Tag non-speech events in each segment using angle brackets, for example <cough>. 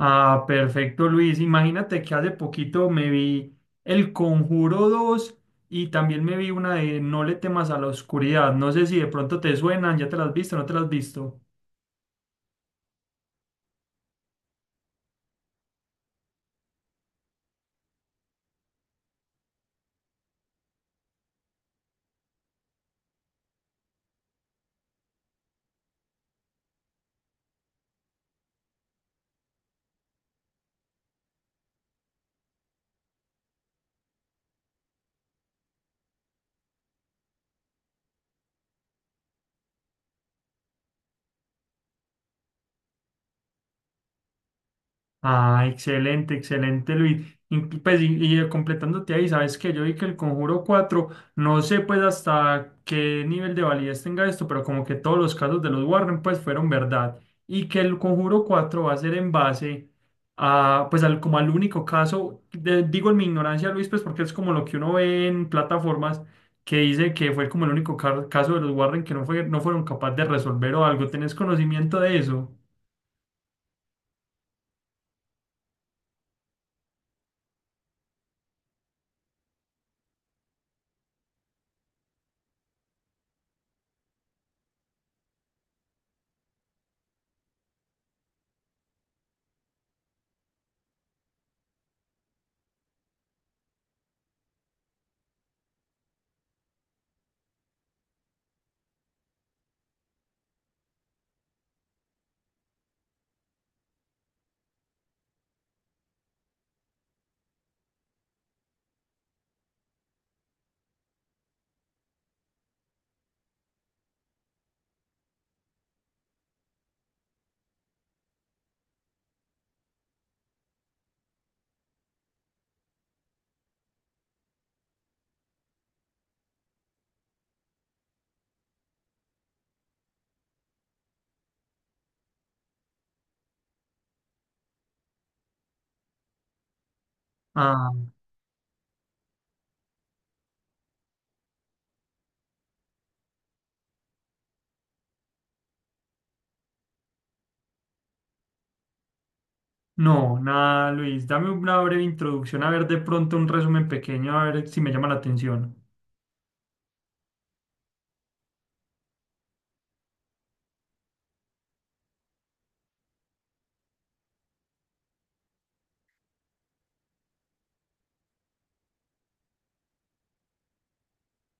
Ah, perfecto, Luis. Imagínate que hace poquito me vi El Conjuro 2 y también me vi una de No le temas a la oscuridad. No sé si de pronto te suenan, ya te las has visto, no te las has visto. Ah, excelente, excelente, Luis. Y, pues, y completándote ahí, sabes que yo vi que el Conjuro 4, no sé pues hasta qué nivel de validez tenga esto, pero como que todos los casos de los Warren pues fueron verdad. Y que el Conjuro 4 va a ser en base a, pues al, como al único caso, digo en mi ignorancia, Luis, pues porque es como lo que uno ve en plataformas que dice que fue como el único caso de los Warren que no fue, no fueron capaces de resolver o algo. ¿Tenés conocimiento de eso? Ah. No, nada, Luis. Dame una breve introducción, a ver de pronto un resumen pequeño, a ver si me llama la atención.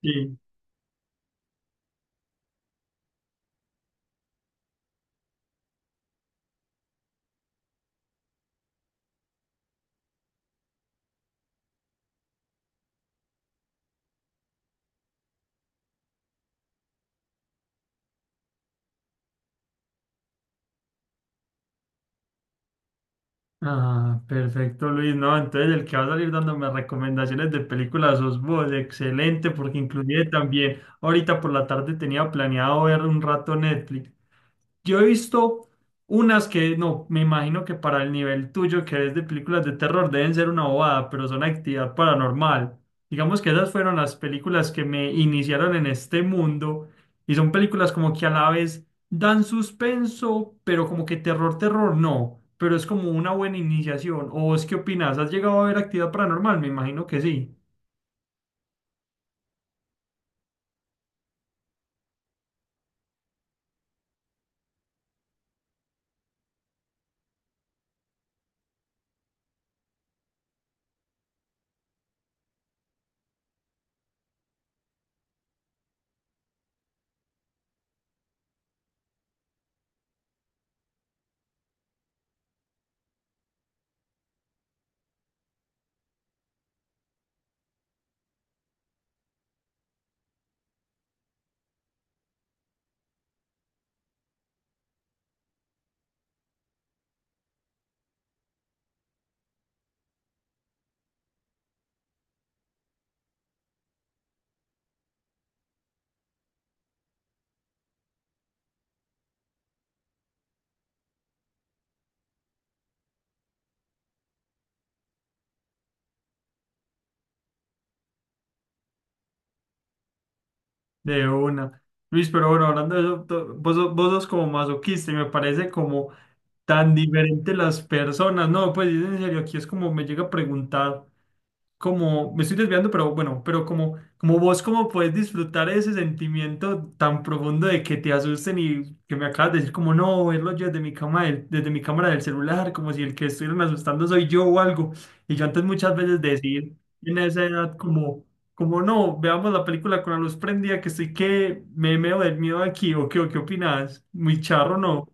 Sí. Ah, perfecto, Luis. No, entonces el que va a salir dándome recomendaciones de películas sos vos. Excelente, porque inclusive también ahorita por la tarde tenía planeado ver un rato Netflix. Yo he visto unas que, no, me imagino que para el nivel tuyo que es de películas de terror deben ser una bobada, pero son actividad paranormal. Digamos que esas fueron las películas que me iniciaron en este mundo y son películas como que a la vez dan suspenso, pero como que terror, terror no, pero es como una buena iniciación. ¿O vos qué opinas? ¿Has llegado a ver actividad paranormal? Me imagino que sí, de una. Luis, pero bueno, hablando de eso, vos, vos sos como masoquista y me parece como tan diferentes las personas, no, pues en serio, aquí es como me llega a preguntar, como, me estoy desviando, pero bueno, pero como vos, cómo puedes disfrutar ese sentimiento tan profundo de que te asusten y que me acabas de decir como, no, verlo yo desde mi cama, desde mi cámara del celular, como si el que estuvieran asustando soy yo o algo, y yo antes muchas veces decir, en esa edad, como, como no, veamos la película con la luz prendida, que estoy que me meo del miedo aquí, o qué opinas, muy charro, no.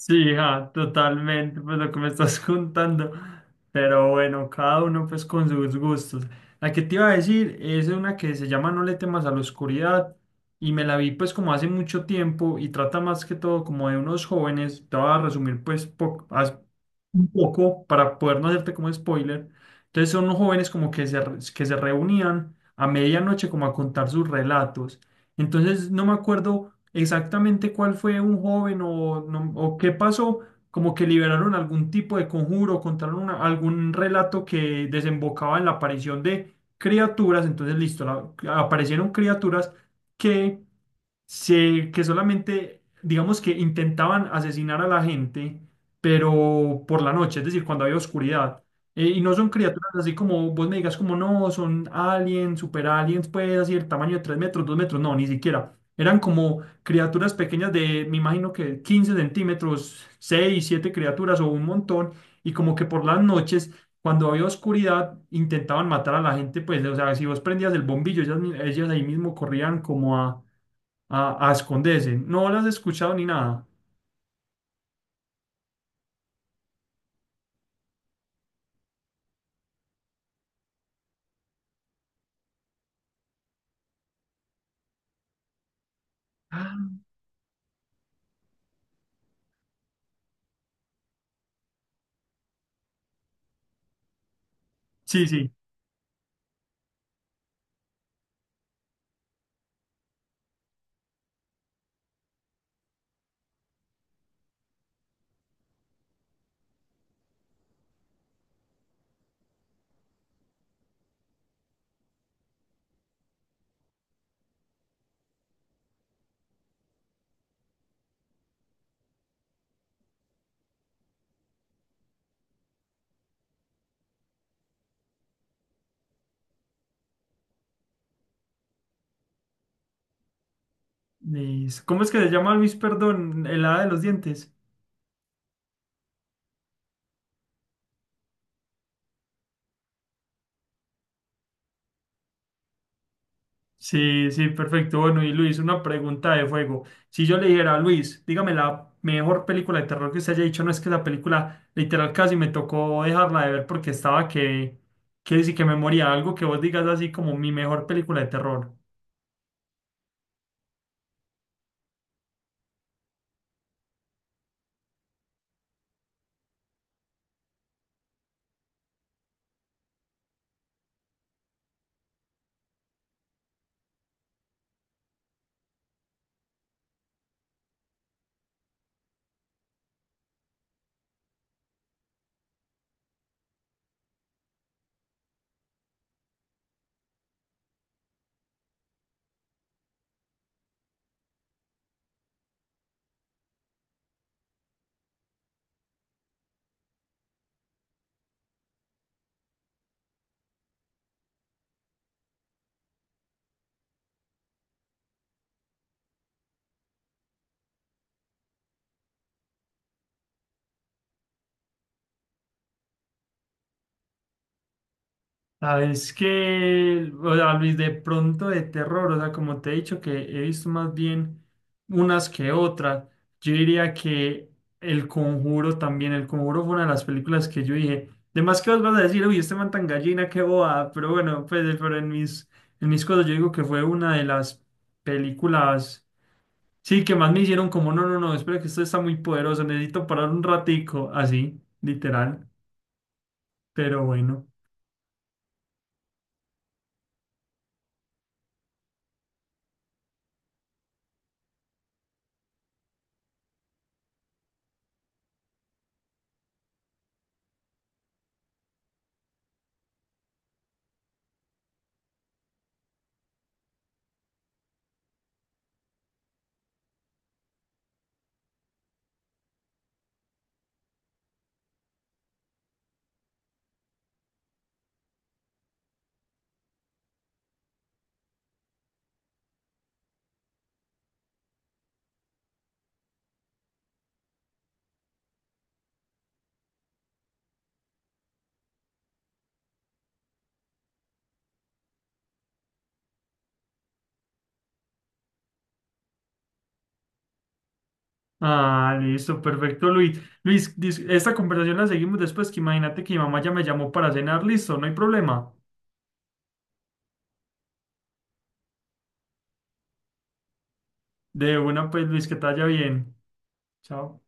Sí, ja, totalmente, pues lo que me estás <laughs> contando. Pero bueno, cada uno pues con sus gustos. La que te iba a decir es una que se llama No le temas a la oscuridad y me la vi pues como hace mucho tiempo y trata más que todo como de unos jóvenes. Te voy a resumir pues un poco para poder no hacerte como spoiler. Entonces son unos jóvenes como que se, que se reunían a medianoche como a contar sus relatos. Entonces no me acuerdo exactamente cuál fue un joven o, no- o qué pasó, como que liberaron algún tipo de conjuro, contaron algún relato que desembocaba en la aparición de criaturas. Entonces listo, aparecieron criaturas que se, que solamente, digamos que intentaban asesinar a la gente, pero por la noche, es decir, cuando había oscuridad. Y no son criaturas así como vos me digas, como no, son aliens, super aliens, pues así el tamaño de 3 metros, 2 metros, no, ni siquiera. Eran como criaturas pequeñas de, me imagino que 15 centímetros, 6 7 criaturas o un montón, y como que por las noches, cuando había oscuridad, intentaban matar a la gente, pues, o sea, si vos prendías el bombillo, ellas ahí mismo corrían como a a esconderse. No las he escuchado ni nada. Ah. Sí, sí. ¿Cómo es que se llama, Luis, perdón? El hada de los dientes. Sí, sí, perfecto. Bueno, y Luis, una pregunta de fuego. Si yo le dijera a Luis, dígame la mejor película de terror que usted haya dicho, no es que la película literal casi me tocó dejarla de ver porque estaba que sí que me moría. Algo que vos digas así como mi mejor película de terror. Ah, es que, o sea, Luis, de pronto de terror, o sea, como te he dicho que he visto más bien unas que otras, yo diría que El Conjuro también, El Conjuro fue una de las películas que yo dije, de más que vos vas a decir, uy, este man tan gallina, qué boba, pero bueno, pues, pero en mis cosas yo digo que fue una de las películas, sí, que más me hicieron como, no, no, no, espera que esto está muy poderoso, necesito parar un ratico, así, literal, pero bueno. Ah, listo, perfecto, Luis. Luis, esta conversación la seguimos después, que imagínate que mi mamá ya me llamó para cenar, listo, no hay problema. De una, pues, Luis, que te vaya bien. Chao.